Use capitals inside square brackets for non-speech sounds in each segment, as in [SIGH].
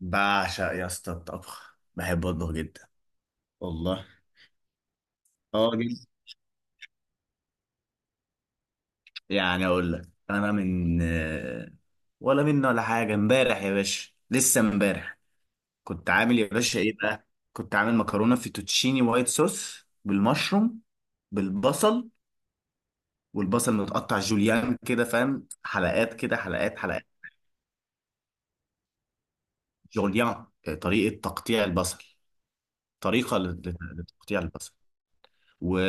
بعشق يا اسطى الطبخ. بحب اطبخ جدا. والله. اه، جدا. يعني اقول لك انا من ولا منه ولا حاجه. امبارح يا باشا، لسه امبارح كنت عامل يا باشا ايه بقى؟ كنت عامل مكرونه فيتوتشيني وايت صوص بالمشروم، بالبصل. والبصل متقطع جوليان كده، فاهم؟ حلقات كده، حلقات حلقات. جوليان، طريقه تقطيع البصل. طريقه لتقطيع البصل و...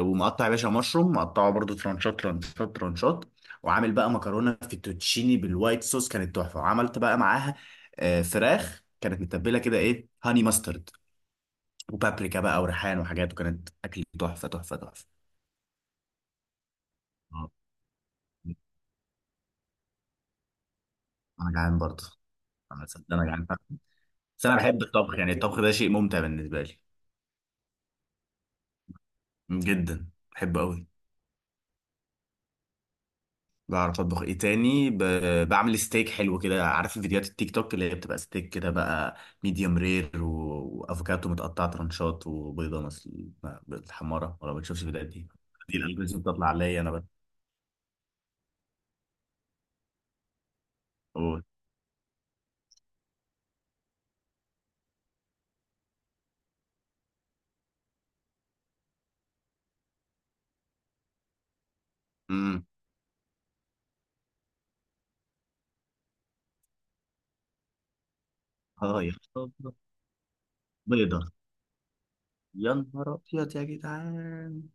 ومقطع يا باشا مشروم، مقطعه برضو ترانشات ترانشات ترانشات. وعامل بقى مكرونه فيتوتشيني بالوايت صوص، كانت تحفه. وعملت بقى معاها فراخ كانت متبله كده ايه، هاني ماسترد وبابريكا بقى وريحان وحاجات. وكانت اكل تحفه تحفه تحفه. آه، انا جعان برضه. انا صدق، انا جعان. بس انا بحب الطبخ، يعني الطبخ ده شيء ممتع بالنسبه لي. جدا بحبه قوي. بعرف اطبخ ايه تاني؟ بعمل ستيك حلو كده. عارف فيديوهات التيك توك اللي هي بتبقى ستيك كده بقى، ميديوم رير وافوكاتو متقطع ترانشات وبيضه مثل بالحماره؟ ولا ما بتشوفش الفيديوهات دي؟ دي الالجوريزم بتطلع عليا انا بقى. قول. امم. اه يا خبر. بيضه. يا نهار ابيض يا جدعان.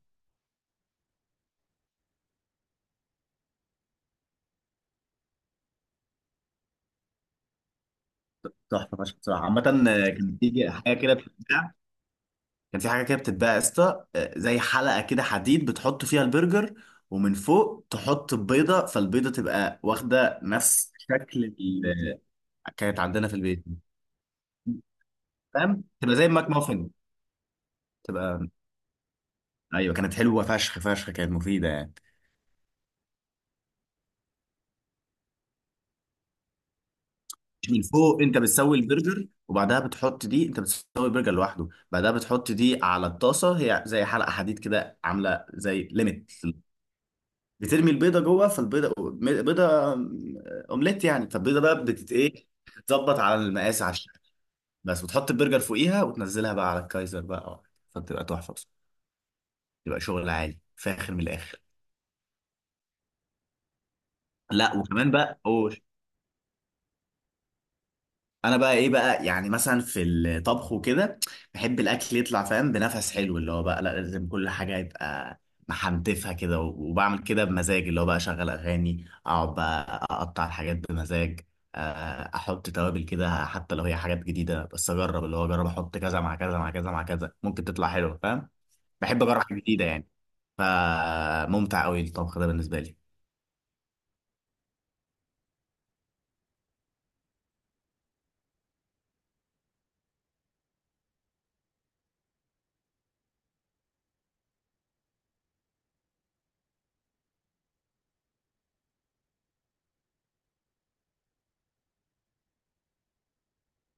تحفه فشخ بصراحه، عامه. آه، كانت بتيجي حاجه كده، بتحبها؟ كان في حاجه كده بتتباع يا اسطى، زي حلقه كده حديد بتحط فيها البرجر، ومن فوق تحط البيضه. فالبيضه تبقى واخده نفس شكل [LAUGHS] كانت عندنا في البيت. فاهم؟ تبقى زي الماك مافن. تبقى ايوه. كانت حلوه فشخ فشخ، كانت مفيده يعني. من فوق انت بتسوي البرجر، وبعدها بتحط دي. انت بتسوي البرجر لوحده، بعدها بتحط دي على الطاسه. هي زي حلقه حديد كده، عامله زي ليميت. بترمي البيضه جوه. فالبيضه، بيضه اومليت يعني. فالبيضه بقى بتت ايه، بتتظبط على المقاس، على الشكل. بس وتحط البرجر فوقيها، وتنزلها بقى على الكايزر بقى. فبتبقى تحفه بصراحه. بتبقى شغل عالي فاخر من الاخر. لا وكمان بقى، قول. انا بقى ايه بقى؟ يعني مثلا في الطبخ وكده، بحب الاكل يطلع فاهم بنفس حلو. اللي هو بقى لا، لازم كل حاجه يبقى محنتفها كده. وبعمل كده بمزاج اللي هو بقى، اشغل اغاني، اقعد بقى اقطع الحاجات بمزاج. احط توابل كده. حتى لو هي حاجات جديده، بس اجرب. اللي هو اجرب احط كذا مع كذا مع كذا مع كذا، ممكن تطلع حلوه. فاهم؟ بحب اجرب حاجه جديده يعني. فممتع قوي الطبخ ده بالنسبه لي.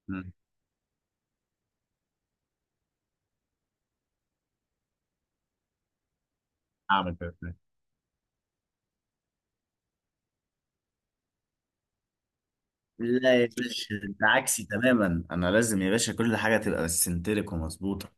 مم. اعمل كده. لا يا باشا، انت عكسي تماما. انا لازم يا باشا كل حاجه تبقى سنتريك ومظبوطه.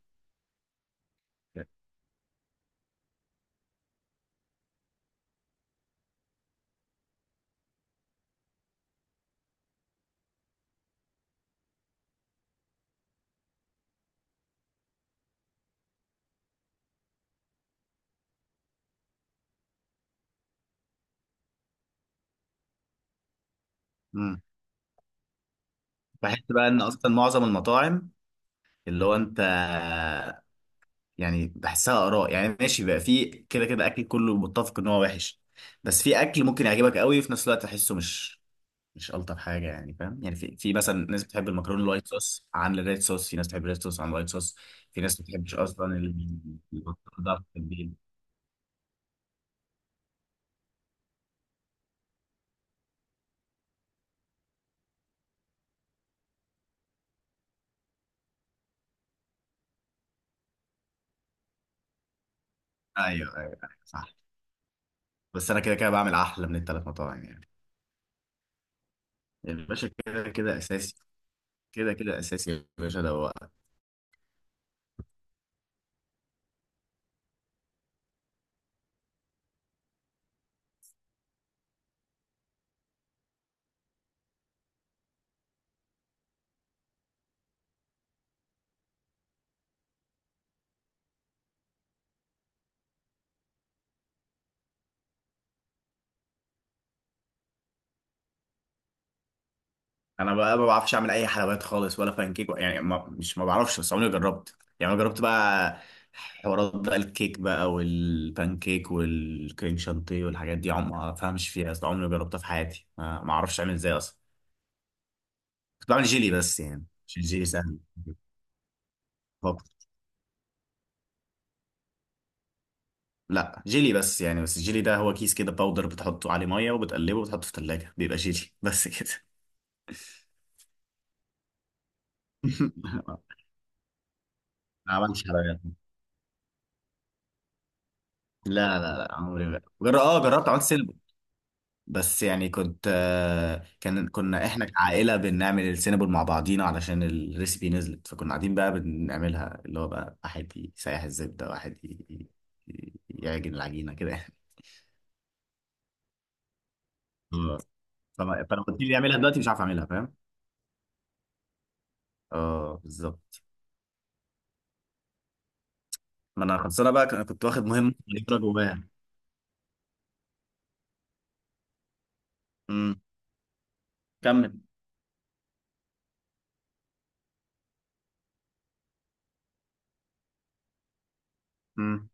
امم. بحس بقى ان اصلا معظم المطاعم، اللي هو انت، يعني بحسها اراء. يعني ماشي بقى، في كده كده اكل كله متفق ان هو وحش. بس في اكل ممكن يعجبك قوي، وفي نفس الوقت تحسه مش الطف حاجه يعني. فاهم يعني؟ في مثلا ناس بتحب المكرونه الوايت صوص عن الريد صوص. في ناس بتحب الريد صوص عن الوايت صوص. في ناس ما بتحبش اصلا البطاطا في البيض. ايوه، ايوه، أيوة، صح. بس انا كده كده بعمل احلى من الثلاث مطاعم يعني. يا باشا كده كده اساسي. كده كده اساسي يا باشا، ده هو. انا بقى ما بعرفش اعمل اي حلويات خالص، ولا فانكيك يعني. ما بعرفش. بس عمري ما جربت يعني. انا جربت بقى حوارات بقى، الكيك بقى والبانكيك والكريم شانتيه والحاجات دي. عم ما فهمش فيها اصلا. عمري ما جربتها في حياتي. ما اعرفش اعمل ازاي اصلا. كنت بعمل جيلي بس يعني، عشان الجيلي سهل فقط. لا، جيلي بس يعني. بس الجيلي ده هو كيس كده باودر، بتحطه عليه ميه وبتقلبه وبتحطه في الثلاجه، بيبقى جيلي بس كده. [LAUGHS] ما عملتش حلويات. لا لا لا، عمري ما اه جربت عملت سينابل. بس يعني كنت كنا احنا كعائله بنعمل السينابل مع بعضينا، علشان الريسبي نزلت. فكنا قاعدين بقى بنعملها، اللي هو بقى واحد يسيح الزبده، واحد يعجن العجينه كده يعني. اه. فانا قلت لي اعملها دلوقتي، مش عارف اعملها. فاهم؟ اه بالظبط. ما انا خلصانه بقى. كنت واخد مهمه صغيره جوايا. امم. كمل. امم.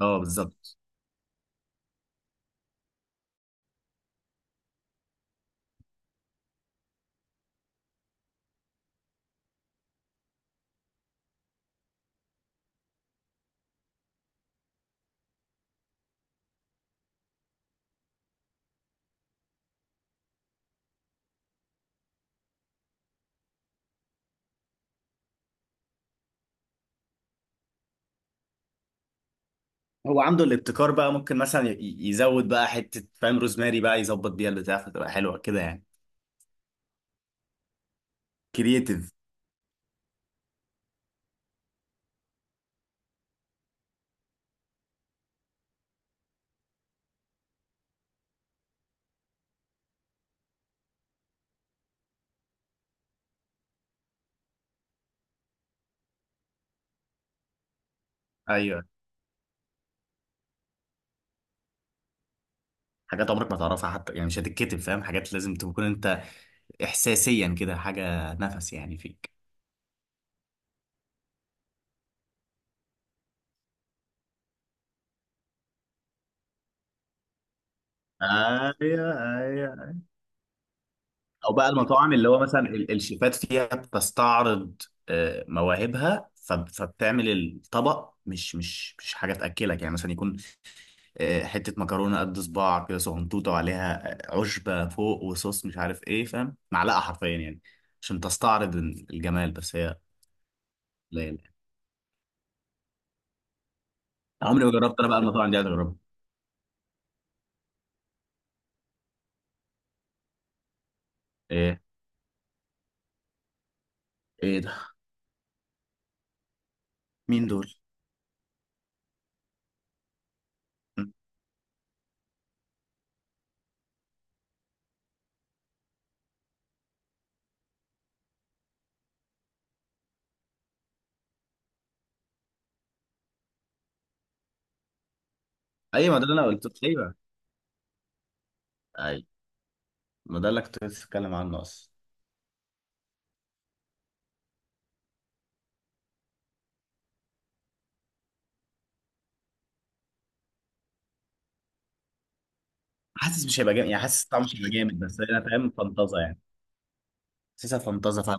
اه بالظبط. هو عنده الابتكار بقى. ممكن مثلا يزود بقى حتة، فاهم؟ روزماري بقى يظبط بيها البتاع، فتبقى حلوة كده يعني. كرييتيف. ايوه. حاجات عمرك ما تعرفها حتى يعني، مش هتتكتب. فاهم؟ حاجات لازم تكون انت احساسيا كده، حاجة نفس يعني فيك. ايوه ايوه. او بقى المطاعم اللي هو مثلا الشيفات فيها بتستعرض مواهبها. فبتعمل الطبق مش حاجة تأكلك. يعني مثلا يكون حتة مكرونة قد صباع كده، صغنطوطة، وعليها عشبة فوق، وصوص مش عارف ايه. فاهم؟ معلقة حرفيا يعني. عشان تستعرض الجمال، بس هي قليلة. عمري ما جربت انا بقى المطاعم دي، عايز اجربها. ايه؟ ايه ده؟ مين دول؟ م. ايوه، ما ده اللي انا قلت. ايوه ايوه، ما ده اللي كنت لسه بتكلم عنه اصلا. حاسس مش هيبقى جامد يعني، حاسس طعمه مش هيبقى جامد، بس انا فاهم فانتازه يعني. حاسسها فانتازه فعلا.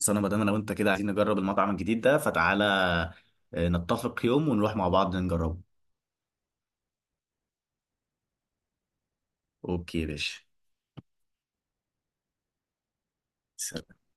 بس انا، ما دام انا وانت كده عايزين نجرب المطعم الجديد ده، فتعالى نتفق يوم ونروح مع بعض نجربه. اوكي يا باشا.